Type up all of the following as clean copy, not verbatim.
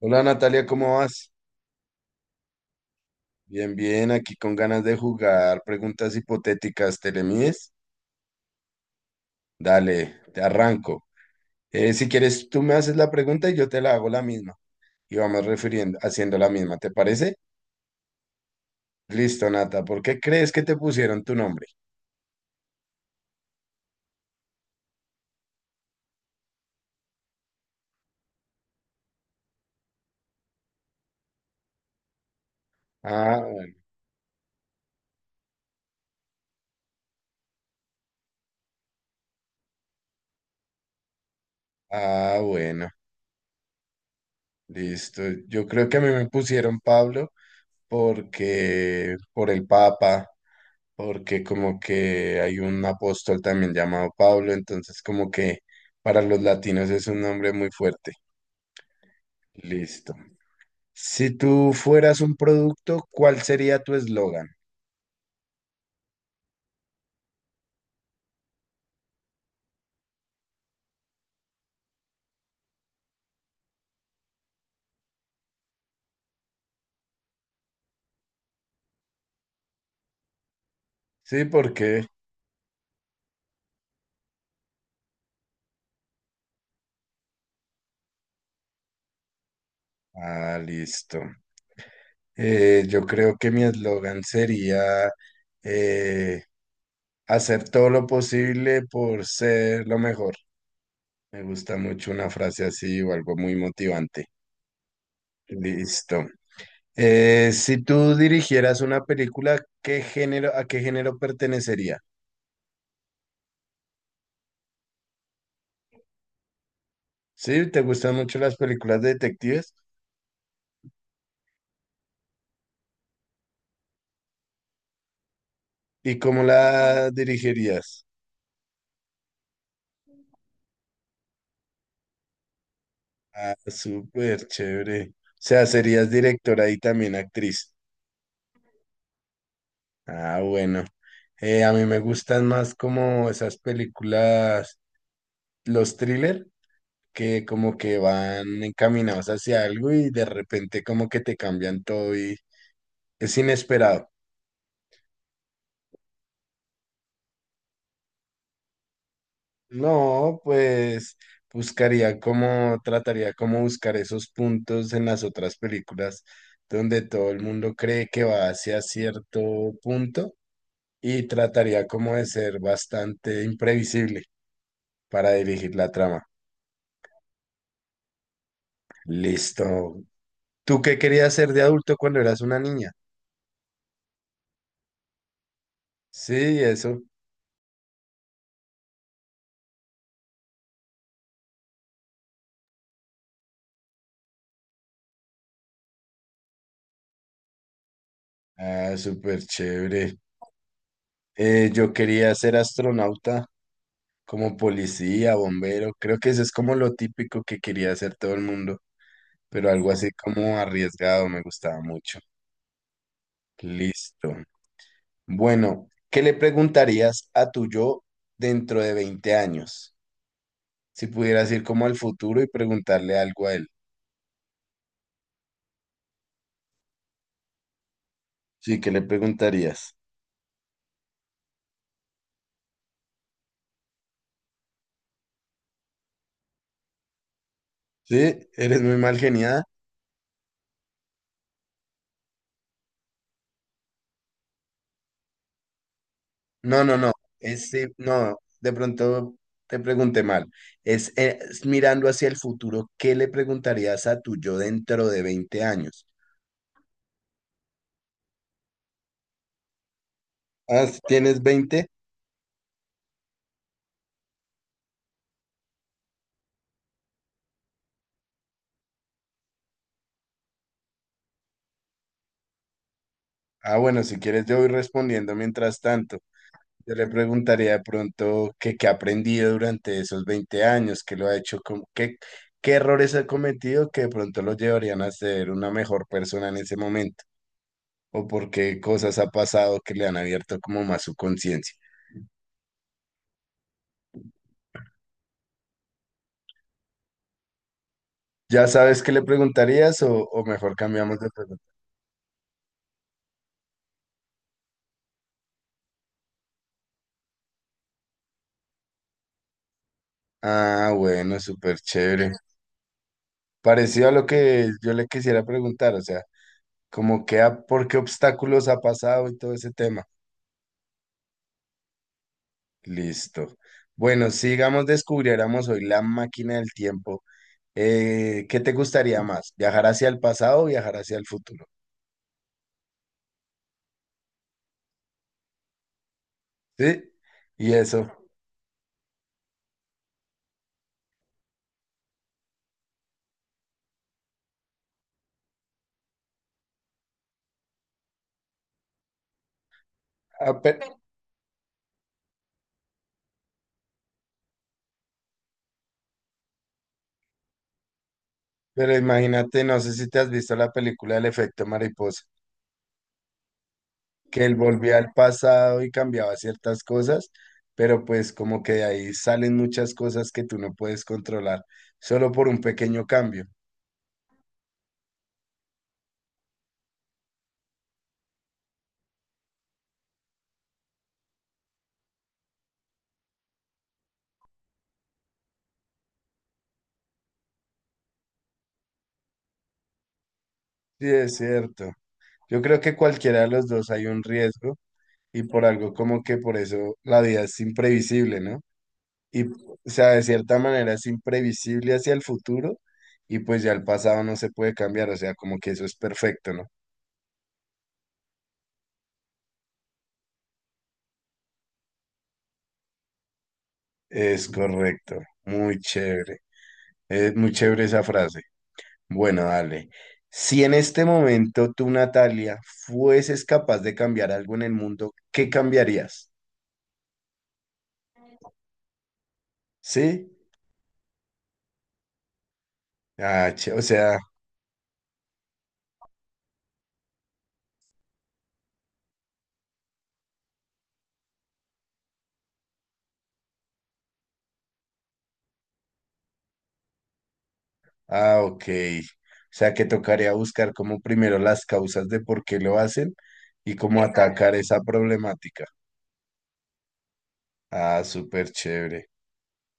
Hola Natalia, ¿cómo vas? Bien, bien, aquí con ganas de jugar preguntas hipotéticas, ¿te le mides? Dale, te arranco. Si quieres, tú me haces la pregunta y yo te la hago la misma. Y vamos refiriendo, haciendo la misma, ¿te parece? Listo, Nata, ¿por qué crees que te pusieron tu nombre? Ah, bueno. Ah, bueno, listo. Yo creo que a mí me pusieron Pablo porque por el Papa, porque como que hay un apóstol también llamado Pablo, entonces como que para los latinos es un nombre muy fuerte. Listo. Si tú fueras un producto, ¿cuál sería tu eslogan? Sí, porque... Ah, listo. Yo creo que mi eslogan sería eh, hacer todo lo posible por ser lo mejor. Me gusta mucho una frase así o algo muy motivante. Listo. Si tú dirigieras una película, ¿qué género, a qué género pertenecería? ¿Sí? ¿Te gustan mucho las películas de detectives? ¿Y cómo la dirigirías? Ah, súper chévere. O sea, serías directora y también actriz. Ah, bueno. A mí me gustan más como esas películas, los thriller, que como que van encaminados hacia algo y de repente como que te cambian todo y es inesperado. No, pues buscaría cómo, trataría cómo buscar esos puntos en las otras películas donde todo el mundo cree que va hacia cierto punto y trataría como de ser bastante imprevisible para dirigir la trama. Listo. ¿Tú qué querías ser de adulto cuando eras una niña? Sí, eso. Ah, súper chévere. Yo quería ser astronauta, como policía, bombero. Creo que eso es como lo típico que quería hacer todo el mundo, pero algo así como arriesgado me gustaba mucho. Listo. Bueno, ¿qué le preguntarías a tu yo dentro de 20 años? Si pudieras ir como al futuro y preguntarle algo a él. Sí, ¿qué le preguntarías? Sí, eres muy mal geniada. No, no, no. No, de pronto te pregunté mal. Es mirando hacia el futuro, ¿qué le preguntarías a tu yo dentro de 20 años? Ah, ¿si tienes 20? Ah, bueno, si quieres yo voy respondiendo mientras tanto. Yo le preguntaría de pronto que qué ha aprendido durante esos 20 años, qué lo ha hecho, qué, qué errores ha cometido que de pronto lo llevarían a ser una mejor persona en ese momento, o por qué cosas ha pasado que le han abierto como más su conciencia. ¿Ya sabes qué le preguntarías o mejor cambiamos de pregunta? Ah, bueno, súper chévere. Parecido a lo que yo le quisiera preguntar, o sea, como que por qué obstáculos ha pasado y todo ese tema. Listo. Bueno, sigamos, descubriéramos hoy la máquina del tiempo. ¿Qué te gustaría más? ¿Viajar hacia el pasado o viajar hacia el futuro? ¿Sí? Y eso. Ah, pe- pero imagínate, no sé si te has visto la película El efecto mariposa. Que él volvía al pasado y cambiaba ciertas cosas, pero pues como que de ahí salen muchas cosas que tú no puedes controlar, solo por un pequeño cambio. Sí, es cierto. Yo creo que cualquiera de los dos hay un riesgo y por algo como que por eso la vida es imprevisible, ¿no? Y, o sea, de cierta manera es imprevisible hacia el futuro y pues ya el pasado no se puede cambiar, o sea, como que eso es perfecto, ¿no? Es correcto, muy chévere, es muy chévere esa frase. Bueno, dale. Si en este momento tú, Natalia, fueses capaz de cambiar algo en el mundo, ¿qué cambiarías? ¿Sí? Ah, che- o sea, ah, ok. O sea, que tocaría buscar como primero las causas de por qué lo hacen y cómo exacto, atacar esa problemática. Ah, súper chévere,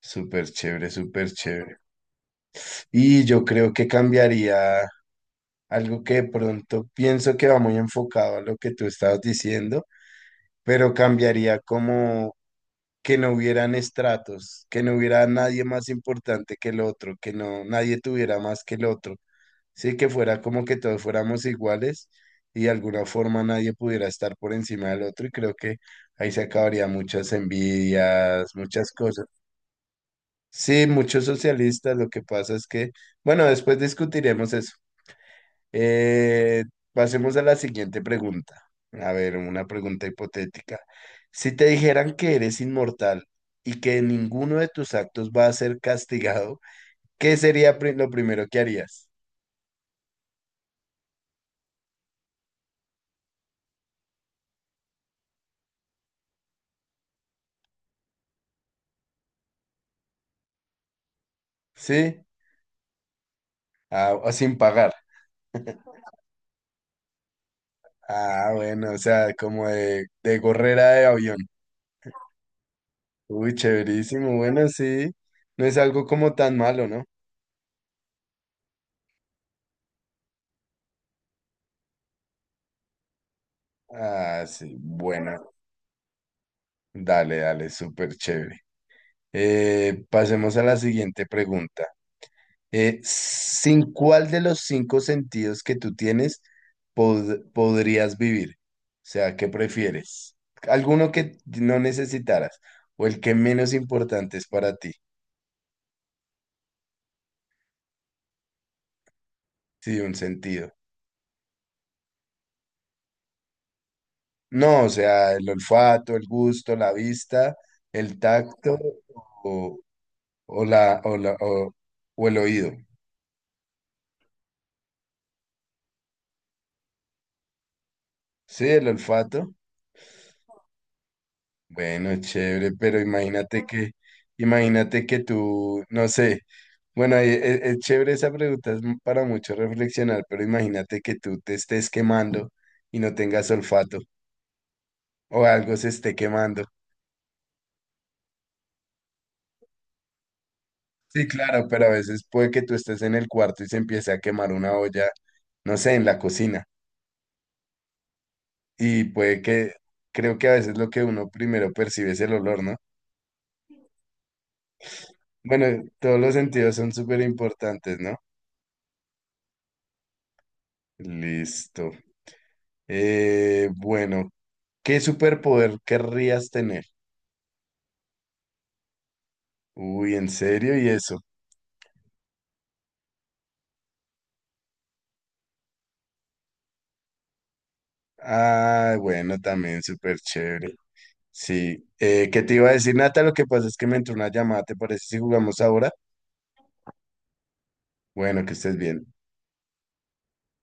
súper chévere, súper chévere. Y yo creo que cambiaría algo que de pronto pienso que va muy enfocado a lo que tú estabas diciendo, pero cambiaría como que no hubieran estratos, que no hubiera nadie más importante que el otro, que no nadie tuviera más que el otro, sí, que fuera como que todos fuéramos iguales y de alguna forma nadie pudiera estar por encima del otro y creo que ahí se acabaría muchas envidias, muchas cosas. Sí, muchos socialistas, lo que pasa es que, bueno, después discutiremos eso. Eh, pasemos a la siguiente pregunta. A ver, una pregunta hipotética. Si te dijeran que eres inmortal y que ninguno de tus actos va a ser castigado, ¿qué sería lo primero que harías? ¿Sí? Ah, o sin pagar. Ah, bueno, o sea, como de gorrera de avión. Uy, chéverísimo. Bueno, sí. No es algo como tan malo, ¿no? Ah, sí. Bueno, dale, dale, súper chévere. Pasemos a la siguiente pregunta. ¿Sin cuál de los cinco sentidos que tú tienes podrías vivir? O sea, ¿qué prefieres? ¿Alguno que no necesitaras o el que menos importante es para ti? Sí, un sentido. No, o sea, el olfato, el gusto, la vista, el tacto o, o la, o, la- o el oído. Sí, el olfato. Bueno, chévere, pero imagínate que tú, no sé, bueno, es, chévere esa pregunta, es para mucho reflexionar, pero imagínate que tú te estés quemando y no tengas olfato o algo se esté quemando. Sí, claro, pero a veces puede que tú estés en el cuarto y se empiece a quemar una olla, no sé, en la cocina. Y puede que, creo que a veces lo que uno primero percibe es el olor, ¿no? Bueno, todos los sentidos son súper importantes, ¿no? Listo. Bueno, ¿qué superpoder querrías tener? Uy, ¿en serio? ¿Y eso? Ah, bueno, también súper chévere. Sí. ¿Qué te iba a decir, Nata? Lo que pasa es que me entró una llamada, ¿te parece si jugamos ahora? Bueno, que estés bien.